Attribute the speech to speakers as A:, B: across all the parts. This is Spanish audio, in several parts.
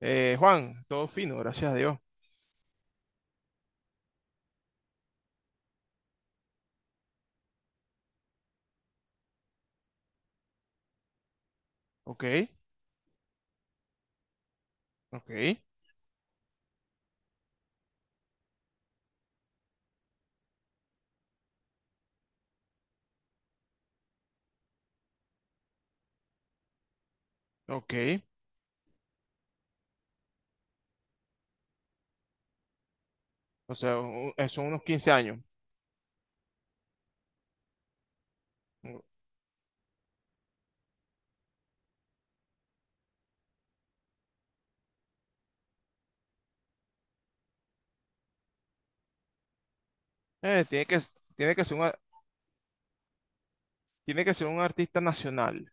A: Juan, todo fino, gracias a Dios. Ok, ok, ok. O sea, son unos 15 años. Eh, tiene que, tiene que ser tiene que ser un artista nacional.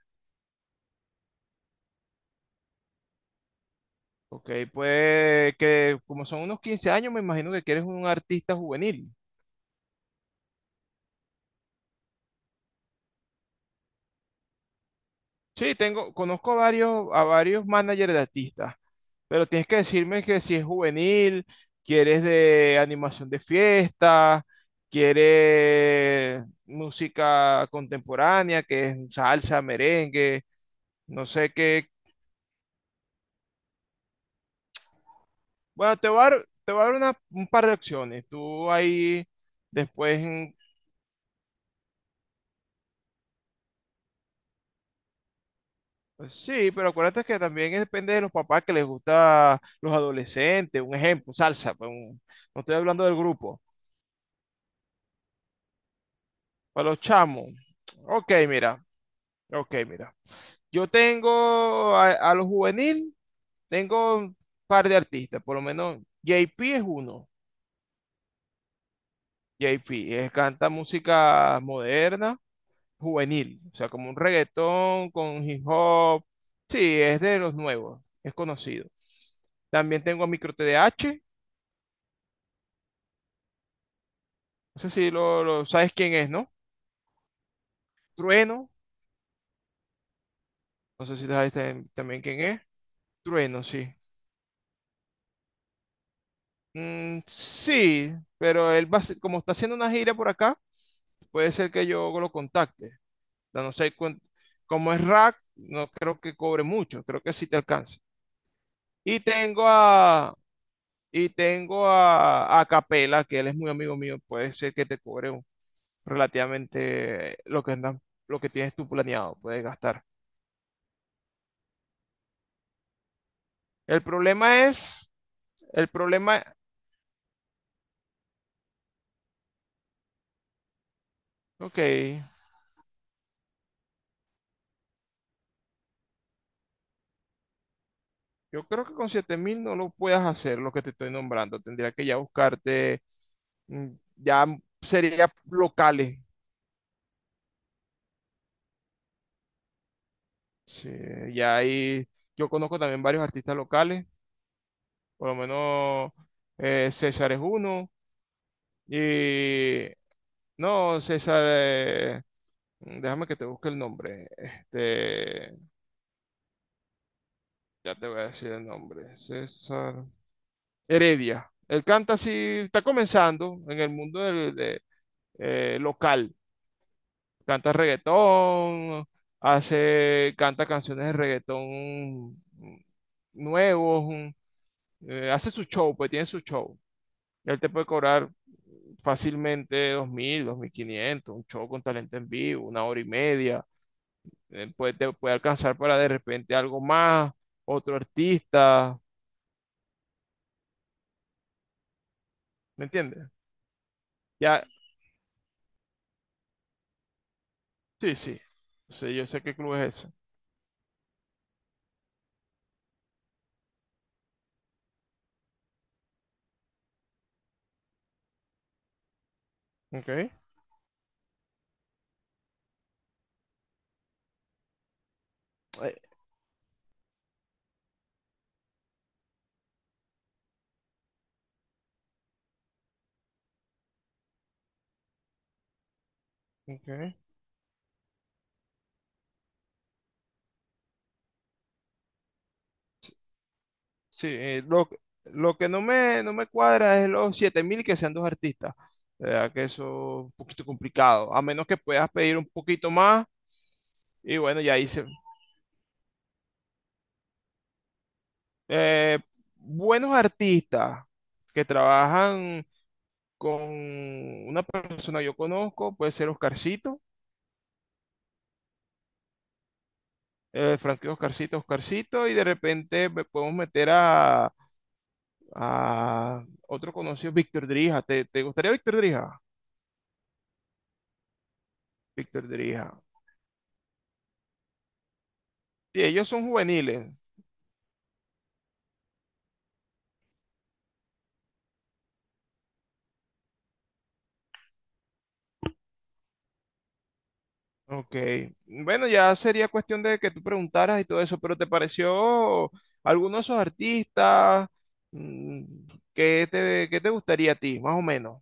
A: Ok, pues que como son unos 15 años, me imagino que quieres un artista juvenil. Sí, tengo, conozco a varios managers de artistas, pero tienes que decirme que si es juvenil, quieres de animación de fiesta, quieres música contemporánea, que es salsa, merengue, no sé qué. Bueno, te voy a dar un par de opciones. Tú ahí después, pues sí, pero acuérdate que también depende de los papás que les gusta los adolescentes, un ejemplo, salsa, pues, no estoy hablando del grupo. Para los chamos. Ok, mira. Ok, mira. Yo tengo a los juvenil, tengo un par de artistas, por lo menos JP es uno. JP canta música moderna, juvenil, o sea, como un reggaetón con hip hop. Sí, es de los nuevos, es conocido. También tengo a Micro TDH, no sé si sabes quién es, ¿no? Trueno, no sé si sabes también quién es. Trueno, sí. Sí, pero él va a ser- como está haciendo una gira por acá, puede ser que yo lo contacte. Ya no sé, como es rack, no creo que cobre mucho, creo que sí te alcanza. Y tengo a, y tengo a Capela, que él es muy amigo mío, puede ser que te cobre relativamente lo que andan, lo que tienes tú planeado, puedes gastar. El problema es, el problema, ok, yo creo que con 7000 no lo puedas hacer, lo que te estoy nombrando, tendría que ya buscarte mm, ya sería locales. Sí, ya ahí yo conozco también varios artistas locales, por lo menos César es uno. Y no, César, déjame que te busque el nombre. Este, ya te voy a decir el nombre. César Heredia. Él canta así, está comenzando en el mundo de, local. Canta reggaetón, canta canciones de reggaetón nuevos, hace su show, pues tiene su show. Él te puede cobrar fácilmente 2000 dos mil quinientos, un show con talento en vivo, 1 hora y media. Te puede alcanzar para de repente algo más, otro artista, ¿me entiendes? Ya, sí, sí. Sí, yo sé qué club es ese. Ok. Eh, ok. Sí, lo que no me cuadra es los 7000 que sean 2 artistas. La verdad que eso es un poquito complicado. A menos que puedas pedir un poquito más. Y bueno, ya hice. Eh, buenos artistas que trabajan con una persona que yo conozco, puede ser Oscarcito, Frankie Oscarcito, Oscarcito, y de repente me podemos meter a otro conocido, Víctor Drija. Te gustaría Víctor Drija? Víctor Drija. Sí, ellos son juveniles. Ok, bueno, ya sería cuestión de que tú preguntaras y todo eso, pero ¿te pareció alguno de esos artistas? Mm, qué te gustaría a ti, más o menos?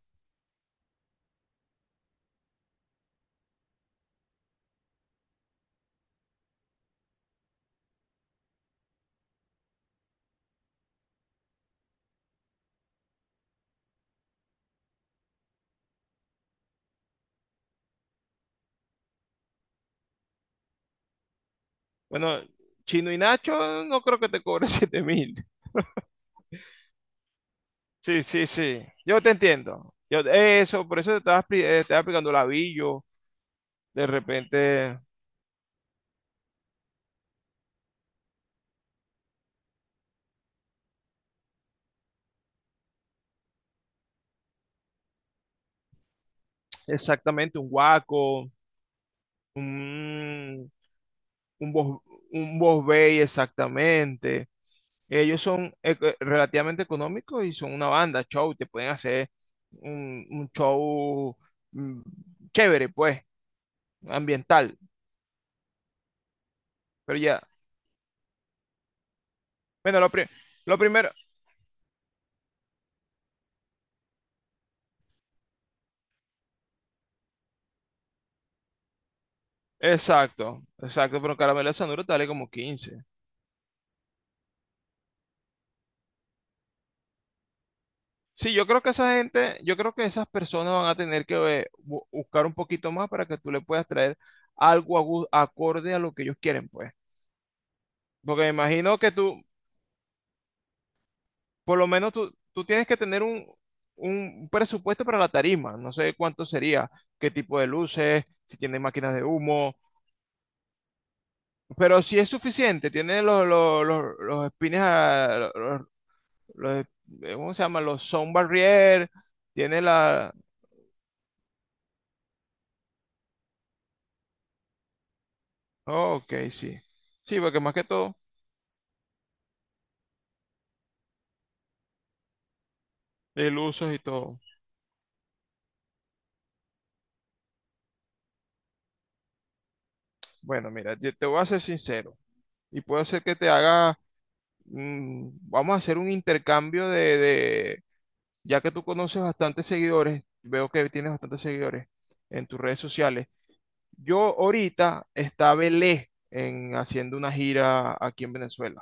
A: Bueno, Chino y Nacho no creo que te cobre 7000. Sí, sí, sí, yo te entiendo. Yo, eso, por eso te estaba, estaba explicando Lavillo, de repente, exactamente, un Guaco, un, un Bos, un Bos Bay, exactamente. Ellos son relativamente económicos y son una banda, show, te pueden hacer un show mm, chévere, pues, ambiental. Pero ya, bueno, lo primero, exacto, exacto, pero Caramelo de Sanuro te vale como 15. Sí, yo creo que esa gente, yo creo que esas personas van a tener que buscar un poquito más para que tú le puedas traer algo acorde a lo que ellos quieren, pues. Porque me imagino que tú, por lo menos tú, tú tienes que tener un presupuesto para la tarima. No sé cuánto sería, qué tipo de luces, si tiene máquinas de humo, pero si es suficiente, tiene los espines, los- ¿cómo se llama? Los sound barrier, tiene la... Oh, ok, sí. Sí, porque más que todo, el uso y todo. Bueno, mira, yo te voy a ser sincero y puedo ser que te haga... vamos a hacer un intercambio de, ya que tú conoces bastantes seguidores, veo que tienes bastantes seguidores en tus redes sociales. Yo ahorita estaba Belé en, haciendo una gira aquí en Venezuela.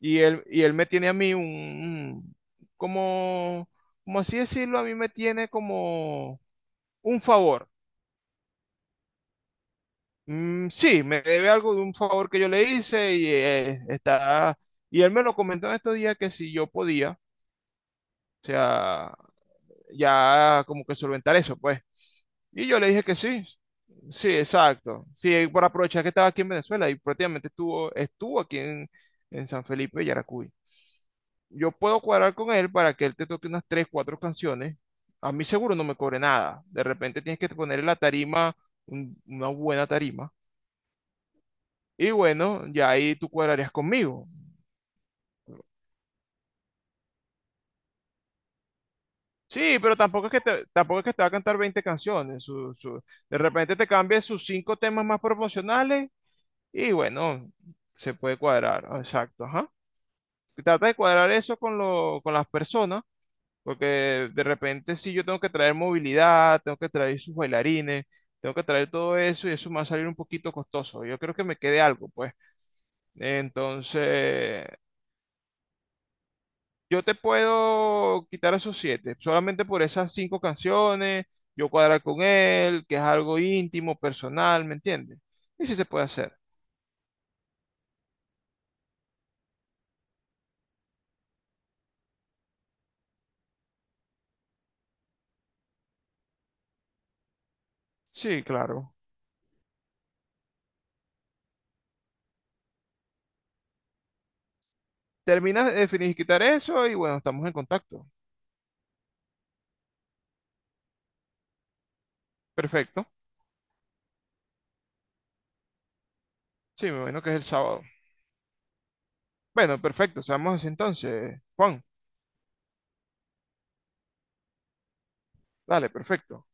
A: Y él me tiene a mí como, como así decirlo, a mí me tiene como un favor. Mm, sí, me debe algo de un favor que yo le hice y está... Y él me lo comentó en estos días que si yo podía, o sea, ya como que solventar eso, pues. Y yo le dije que sí. Sí, exacto. Sí, por aprovechar que estaba aquí en Venezuela y prácticamente estuvo aquí en San Felipe de Yaracuy. Yo puedo cuadrar con él para que él te toque unas 3, 4 canciones. A mí seguro no me cobre nada. De repente tienes que ponerle la tarima, una buena tarima. Y bueno, ya ahí tú cuadrarías conmigo. Sí, pero tampoco es que te va a cantar 20 canciones. De repente te cambia sus 5 temas más promocionales y bueno, se puede cuadrar. Exacto, ajá. Trata de cuadrar eso con las personas, porque de repente si yo tengo que traer movilidad, tengo que traer sus bailarines, tengo que traer todo eso y eso me va a salir un poquito costoso. Yo creo que me quede algo, pues. Entonces, yo te puedo quitar esos siete, solamente por esas 5 canciones, yo cuadrar con él, que es algo íntimo, personal, ¿me entiendes? Y si se puede hacer. Sí, claro. Terminas de quitar eso y bueno, estamos en contacto. Perfecto. Sí, me imagino que es el sábado. Bueno, perfecto, seamos así entonces, Juan. Dale, perfecto.